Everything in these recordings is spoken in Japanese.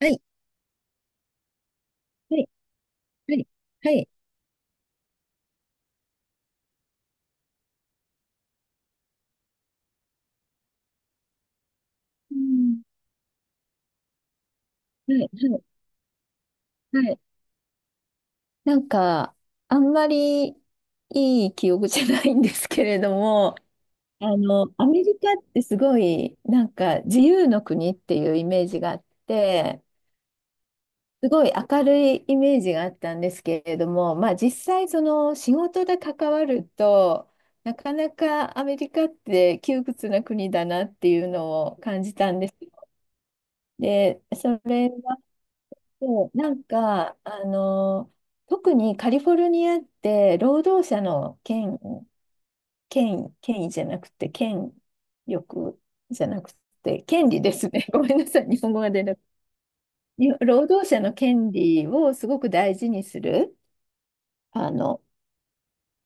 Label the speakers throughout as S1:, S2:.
S1: はい、はい、はい、はい、うん。はい、はい、はい。なんか、あんまりいい記憶じゃないんですけれども、アメリカってすごい、なんか、自由の国っていうイメージがあって、すごい明るいイメージがあったんですけれども、まあ、実際、その仕事で関わると、なかなかアメリカって窮屈な国だなっていうのを感じたんですよ。で、そう、なんか、特にカリフォルニアって労働者の権威じゃなくて、権力じゃなくて、権利ですね。ごめんなさい、日本語が出なくて。に労働者の権利をすごく大事にする、あの、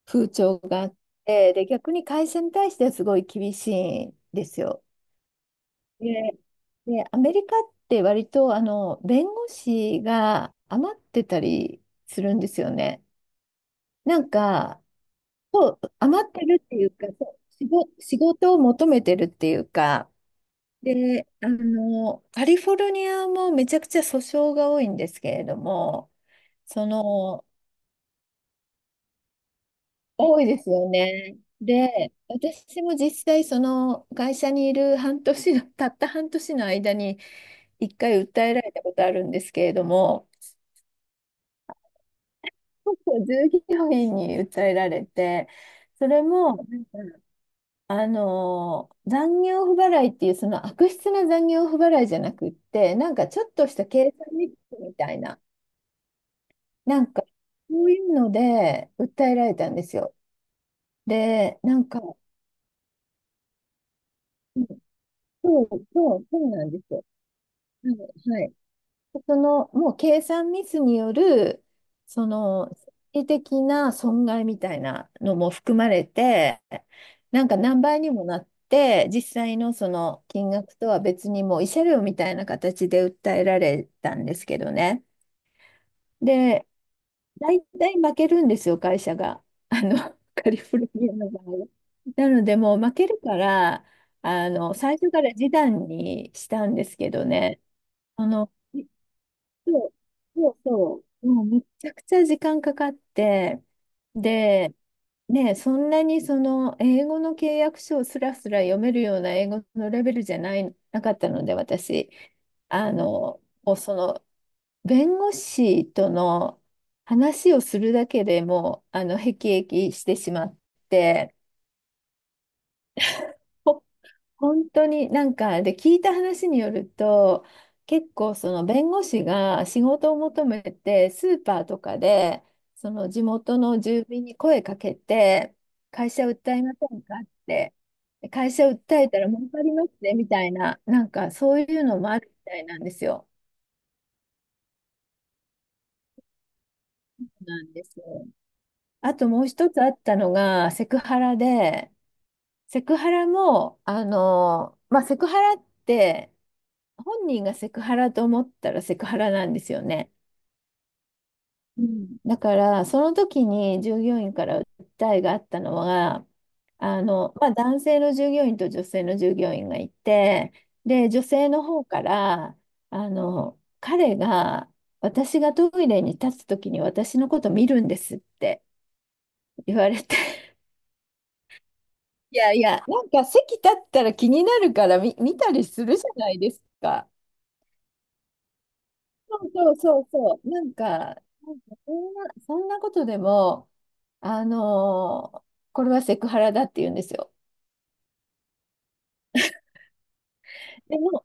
S1: 風潮があって、で、逆に会社に対してはすごい厳しいんですよ。で、で、アメリカって割と、弁護士が余ってたりするんですよね。なんか、そう、余ってるっていうか、そう仕事を求めてるっていうか、で、カリフォルニアもめちゃくちゃ訴訟が多いんですけれども、その、多いですよね。で、私も実際、その会社にいる半年の、たった半年の間に、一回訴えられたことあるんですけれども、そうそう従業員に訴えられて、それも、残業不払いっていうその悪質な残業不払いじゃなくって、なんかちょっとした計算ミスみたいな、なんかそういうので訴えられたんですよ。で、なんか、うん、そうそう、そうなんですよ。はい、はい。その、もう計算ミスによる、その、心理的な損害みたいなのも含まれて、なんか何倍にもなって、実際のその金額とは別にもう慰謝料みたいな形で訴えられたんですけどね。で、大体負けるんですよ、会社が。カリフォルニアの場合。なので、もう負けるから、最初から示談にしたんですけどね。そのそう、そうそう。もうめちゃくちゃ時間かかって、で、ね、そんなにその英語の契約書をすらすら読めるような英語のレベルじゃない、なかったので、私、もうその弁護士との話をするだけでもう、へきしてしまって、本当になんかで聞いた話によると、結構その弁護士が仕事を求めてスーパーとかでその地元の住民に声かけて、会社訴えませんかって、で、会社訴えたら儲かりますねみたいな、なんかそういうのもあるみたいなんですよ。なんですよ。あともう一つあったのがセクハラで、セクハラも、まあ、セクハラって本人がセクハラと思ったらセクハラなんですよね。うん。だからその時に従業員から訴えがあったのは、まあ、男性の従業員と女性の従業員がいて、で、女性の方から、彼が、私がトイレに立つ時に私のこと見るんですって言われて、いやいや、なんか席立ったら気になるから見たりするじゃないですか。そうそうそうそう。なんか、なんかそんなことでも、あのーこれはセクハラだって言うんですよ。でも、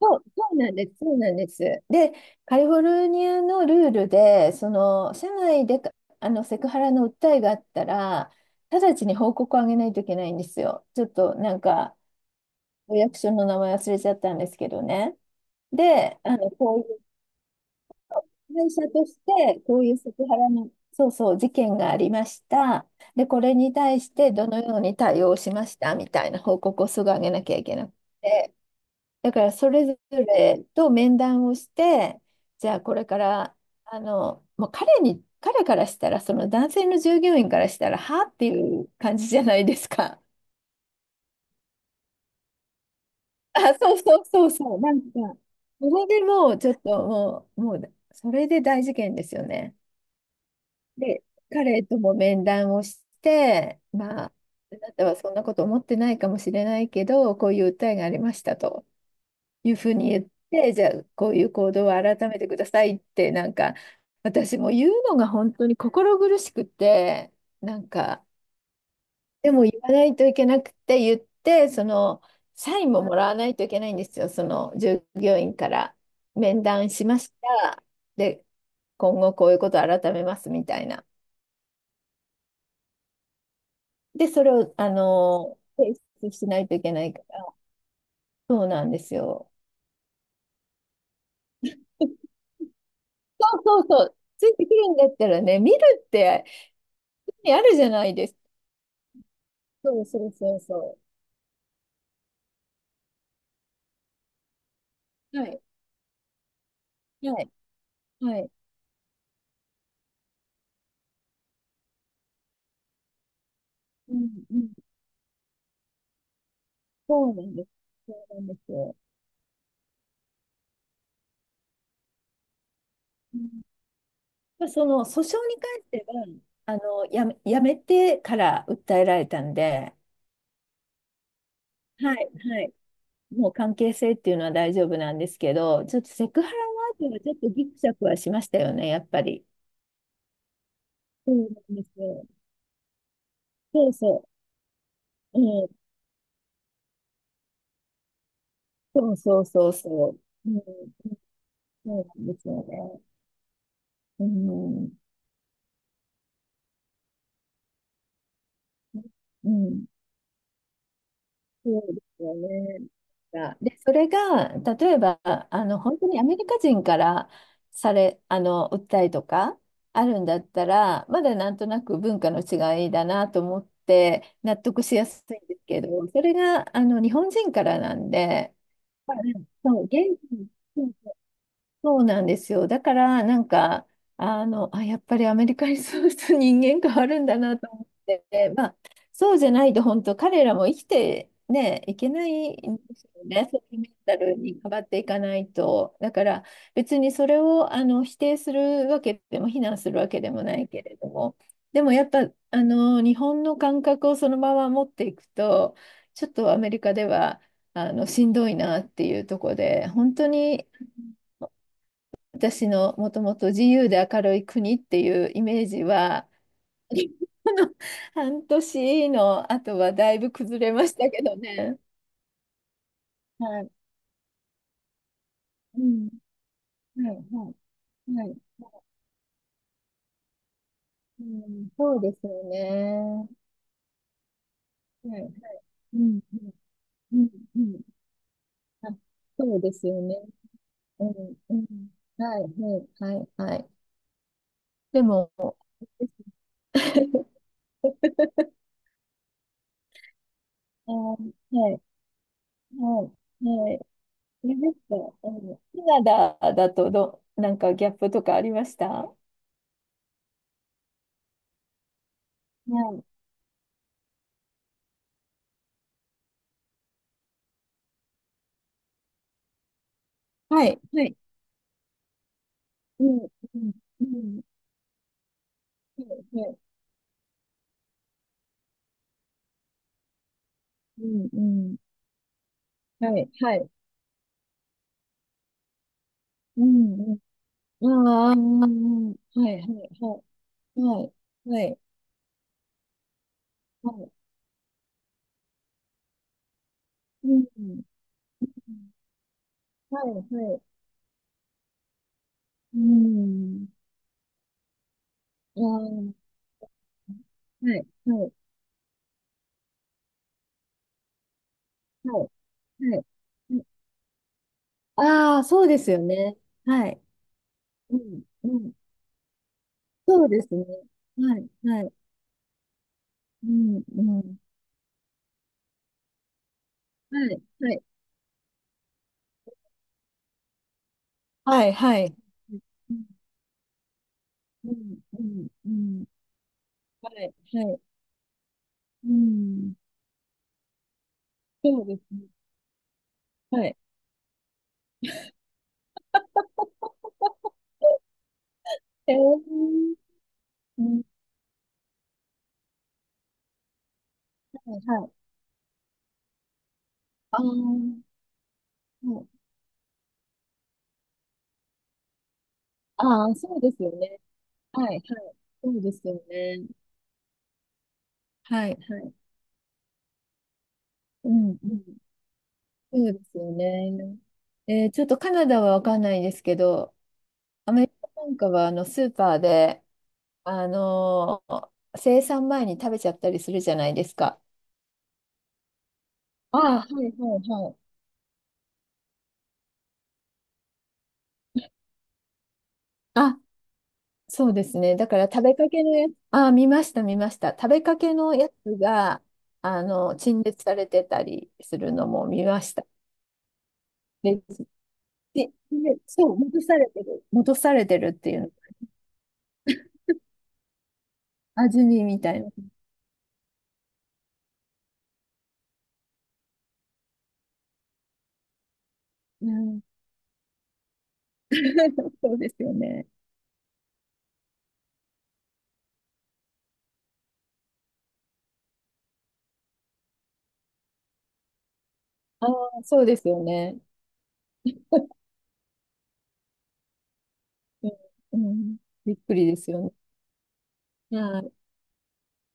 S1: そう、そうなんです、そうなんです。で、カリフォルニアのルールで、その、社内で、セクハラの訴えがあったら、直ちに報告をあげないといけないんですよ。ちょっとなんか、お役所の名前忘れちゃったんですけどね。で、会社として、こういうセクハラの、そうそう、事件がありました。で、これに対してどのように対応しましたみたいな報告をすぐ上げなきゃいけなくて、だからそれぞれと面談をして、じゃあこれから、もう彼からしたら、その男性の従業員からしたら、はっていう感じじゃないですか。あ、そうそうそうそう、なんか、それでもうちょっともう、もう、それで大事件ですよね。で、彼とも面談をして、まあ、あなたはそんなこと思ってないかもしれないけど、こういう訴えがありましたというふうに言って、じゃあ、こういう行動を改めてくださいって、なんか、私も言うのが本当に心苦しくて、なんか、でも言わないといけなくて言って、その、サインももらわないといけないんですよ、その従業員から、面談しました。で、今後こういうことを改めますみたいな。で、それを、提出しないといけないから、そうなんですよ。そうそうそう。ついてくるんだったらね、見るって意味あるじゃないですか。そうそうそうそう。はい。はい。はい。うんうん。そうなんです。そうなんですよ。うん、まあ、その訴訟に関しては、やめてから訴えられたんで、はい、はい。もう関係性っていうのは大丈夫なんですけど、ちょっとセクハラワードはちょっとギクシャクはしましたよね、やっぱり。そうなんですよ。そうそう。うん。そうそうそうそう。うん。そうなんですよね。うん。うん。そうですよね。で、それが、例えば、本当にアメリカ人から訴えとかあるんだったら、まだなんとなく文化の違いだなと思って納得しやすいんですけど、それが、日本人からなんで、まあ、そう、地、そうなんですよ。だから、なんか、やっぱりアメリカにそうすると人間変わるんだなと思って、まあ、そうじゃないと、本当、彼らも生きて、ね、いけないんですよね、そういうメンタルに変わっていかないと。だから、別にそれを否定するわけでも、非難するわけでもないけれども、でもやっぱ、日本の感覚をそのまま持っていくと、ちょっとアメリカでは、しんどいなっていうところで、本当に私のもともと自由で明るい国っていうイメージは、この半年の後はだいぶ崩れましたけどね。はい。うん。はい、はい、はい。うん、そうですよね。はい。うん、うん、うん。うん、あ、そうですよね。うん、うん。はい、はい、はい、はい。でも、はい、はい、はい、はい。あれですか？うん、カナダだと、なんかギャップとかありました？はい。はい、はい。うん、うん、うん、はい、うん、うん、はい、はい、うん、うん、ああ、はい、はい、はい、はい、はい、はい、うん、はい、はい、うん、ああ、はい、はい、はい、はい。ああ、そうですよね。はい。うん、うん。そうですね。はい、はい。うん、うん。はい、はい。はい、はい。うん、うん、うん、うん。はい、はい。うん。そうですね。はい。えー、うん、はい、はい。ああ、はい。ああ、そうですよね。はい、はい。そうですよね。はい、はい。うん、うん。そうですよね。ちょっとカナダはわかんないですけど、アメリカなんかはスーパーで、あのー生産前に食べちゃったりするじゃないですか。ああ、はいはいはい。あ、そうですね。だから食べかけのやつ、ああ、見ました、見ました。食べかけのやつが、陳列されてたりするのも見ました。で、でそう、戻されてる。戻されてるっていう、味見みたいな。うん、そうですよね。ああ、そうですよね。うん、うん。びっくりですよね。はい。